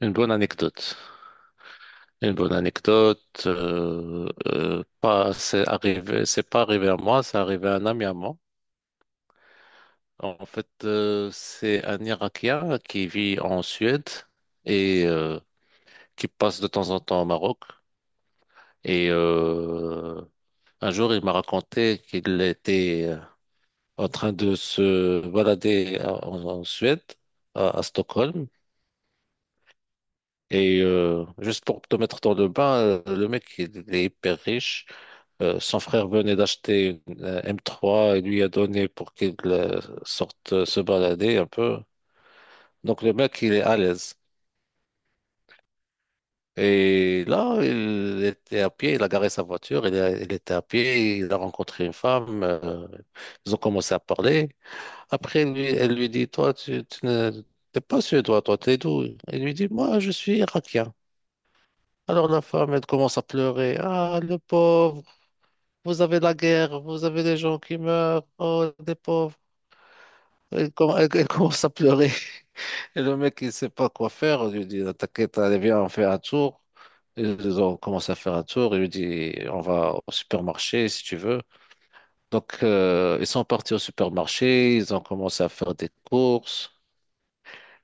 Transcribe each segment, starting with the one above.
Une bonne anecdote. Une bonne anecdote. Pas, c'est arrivé, c'est pas arrivé à moi, c'est arrivé à un ami à moi. En fait, c'est un Irakien qui vit en Suède et qui passe de temps en temps au Maroc. Et euh, un jour, il m'a raconté qu'il était en train de se balader en Suède, à Stockholm. Juste pour te mettre dans le bain, le mec, il est hyper riche. Son frère venait d'acheter une m trois et lui a donné pour qu'il sorte se balader un peu. Donc le mec, il est à l'aise. Et là, il était à pied, il a garé sa voiture, il était à pied, il a rencontré une femme, ils ont commencé à parler. Après, lui, elle lui dit, toi, tu ne- t'es pas suédois, toi, t'es d'où? Il lui dit, moi, je suis irakien. Alors la femme, elle commence à pleurer. Ah, le pauvre, vous avez la guerre, vous avez des gens qui meurent, oh, des pauvres. Elle commence à pleurer. Et le mec, il sait pas quoi faire. Il lui dit, t'inquiète, allez, viens, on fait un tour. Ils ont commencé à faire un tour. Il lui dit, on va au supermarché si tu veux. Donc, ils sont partis au supermarché. Ils ont commencé à faire des courses.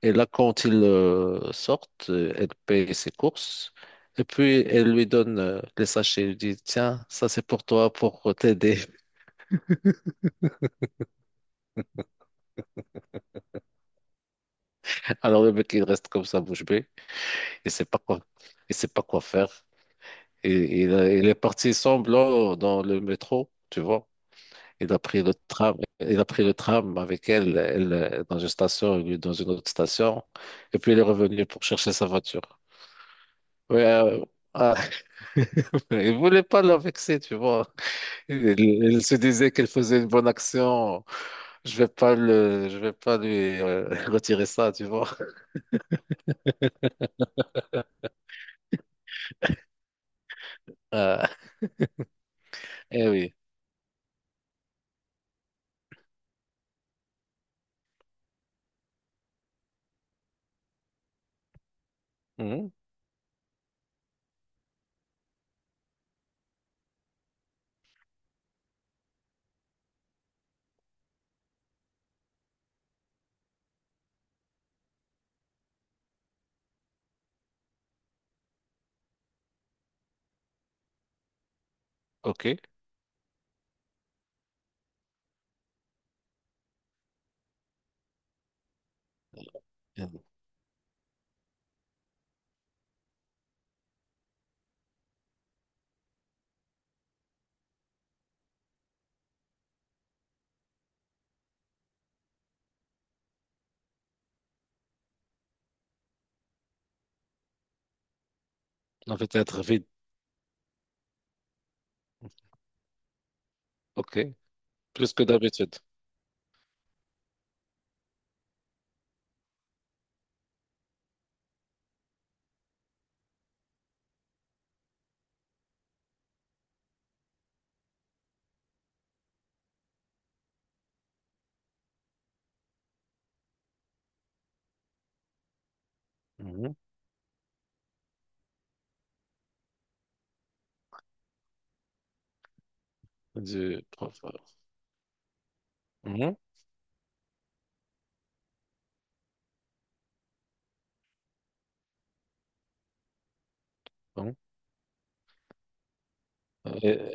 Et là, quand ils sortent, elle paye ses courses. Et puis, elle lui donne les sachets. Elle lui dit, tiens, ça c'est pour toi, pour t'aider. Alors, le mec, il reste comme ça, bouche bée. Il sait pas quoi, il sait pas quoi faire. Il est parti semble là, dans le métro, tu vois. Il a pris le tram, il a pris le tram avec elle, elle dans une station, lui dans une autre station. Et puis il est revenu pour chercher sa voiture. Ouais, ah, il voulait pas la vexer, tu vois. Il se disait qu'elle faisait une bonne action. Je vais pas lui retirer ça, tu vois. Euh, eh oui. Mhm. Ok. Mmh. On va être vite. Ok. Plus que d'habitude. Mmh. Du professeur. Mhm. Bon. Euh,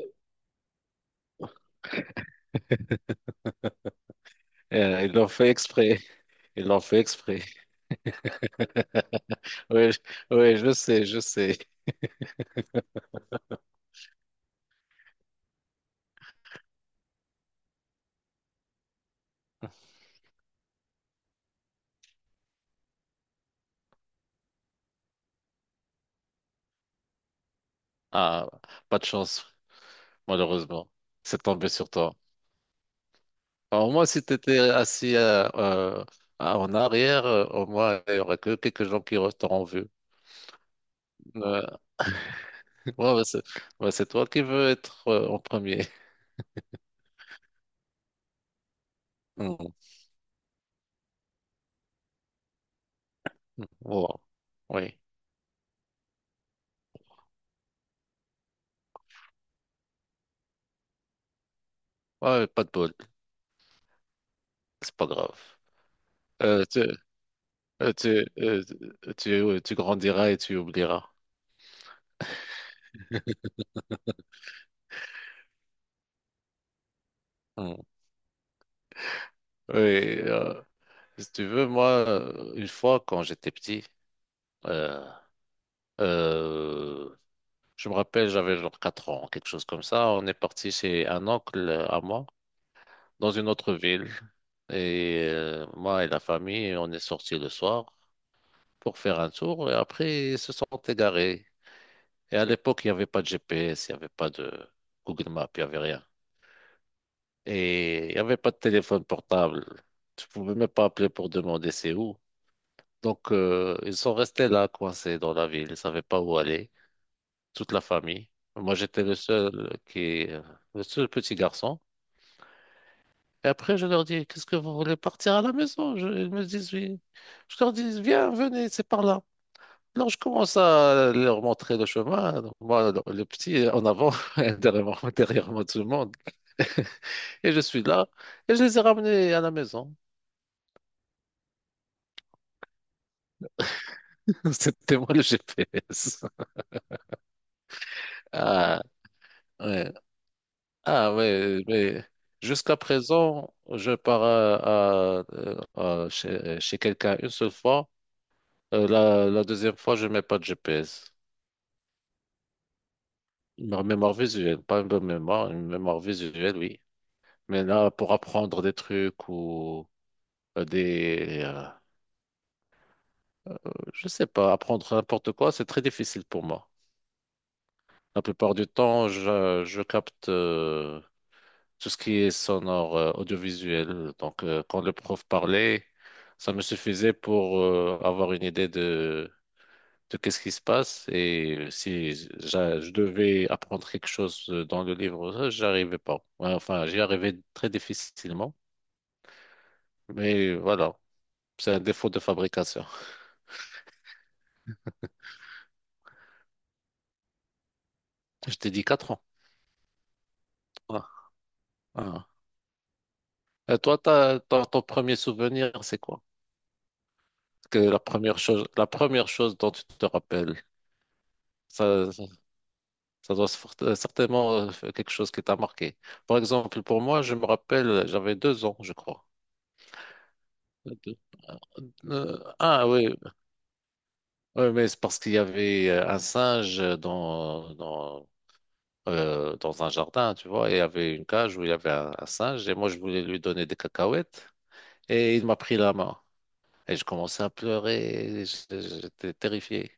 Ils l'ont fait exprès. Ils l'ont fait exprès. Oui, je- oui, je sais, je sais. Ah, pas de chance, malheureusement. C'est tombé sur toi. Alors moi, si tu étais assis en arrière, au moins, il y aurait que quelques gens qui t'auront vu. Euh, ouais, ouais, c'est toi qui veux être en premier. Mhm. Wow. Oui. Ouais, pas de bol. C'est pas grave. Euh, tu, euh, Tu grandiras et tu oublieras. Mm. Oui, euh, si tu veux, moi, une fois, quand j'étais petit, euh, euh, je me rappelle, j'avais genre 4 ans, quelque chose comme ça. On est parti chez un oncle à moi, dans une autre ville. Et moi et la famille, on est sortis le soir pour faire un tour. Et après, ils se sont égarés. Et à l'époque, il n'y avait pas de GPS, il n'y avait pas de Google Maps, il n'y avait rien. Et il n'y avait pas de téléphone portable. Tu pouvais même pas appeler pour demander c'est où. Donc, ils sont restés là, coincés dans la ville. Ils savaient pas où aller, toute la famille. Moi, j'étais le seul qui, le seul petit garçon. Et après, je leur dis, qu'est-ce que vous voulez partir à la maison? Ils me disent oui. Je leur dis, viens, venez, c'est par là. Alors, je commence à leur montrer le chemin. Donc, moi, le petit en avant, derrière moi, tout le monde. Et je suis là. Et je les ai ramenés à la maison. C'était moi le GPS. Ah, ouais. Ah, ouais, mais jusqu'à présent, je pars chez quelqu'un une seule fois. La deuxième fois, je mets pas de GPS. Une mémoire visuelle, pas une bonne mémoire, une mémoire visuelle, oui. Mais là, pour apprendre des trucs ou euh, des, euh, je sais pas, apprendre n'importe quoi, c'est très difficile pour moi. La plupart du temps, je capte tout ce qui est sonore, audiovisuel. Donc, quand le prof parlait, ça me suffisait pour avoir une idée de qu'est-ce qui se passe. Et si je devais apprendre quelque chose dans le livre, ça, j'arrivais pas. Ouais, enfin, j'y arrivais très difficilement. Mais voilà, c'est un défaut de fabrication. Je t'ai dit 4 ans. Ah, ah. Et toi, ton premier souvenir, c'est quoi? Que la première chose dont tu te rappelles, ça, ça doit certainement faire quelque chose qui t'a marqué. Par exemple, pour moi, je me rappelle, j'avais 2 ans, je crois. Deux. Euh, euh, ah oui, Ouais, mais c'est parce qu'il y avait un singe dans un jardin, tu vois, et il y avait une cage où il y avait un singe, et moi je voulais lui donner des cacahuètes, et il m'a pris la main, et je commençais à pleurer, et j'étais terrifié.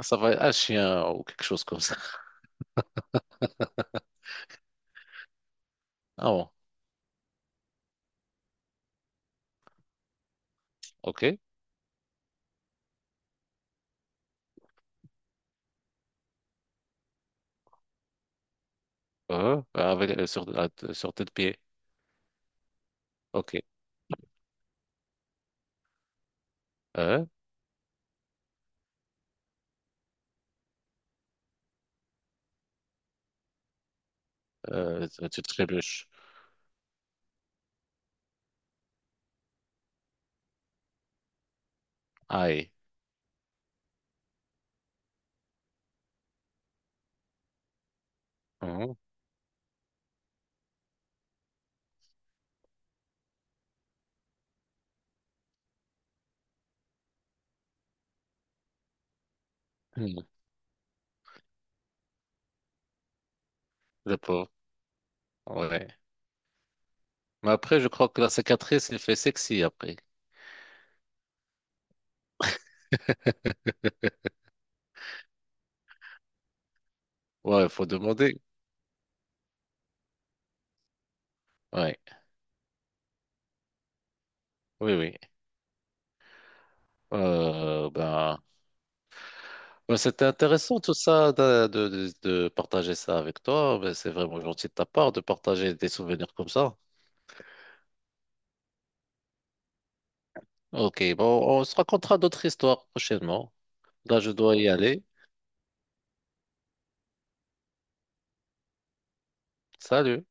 Ça va être un chien ou quelque chose comme ça. Ah bon, ok. Euh, avec, euh, sur, Sur tes pieds, ok. 에? Tu trébuches. Aïe. Hein? Hmm. Le pauvre. Ouais. Mais après, je crois que la cicatrice, il fait sexy après. Ouais, il faut demander. Ouais. Oui, oui. Euh, ben, ben, c'était intéressant tout ça de, de partager ça avec toi. Ben, c'est vraiment gentil de ta part de partager des souvenirs comme ça. Ok, bon, on se racontera d'autres histoires prochainement. Là, je dois y aller. Salut.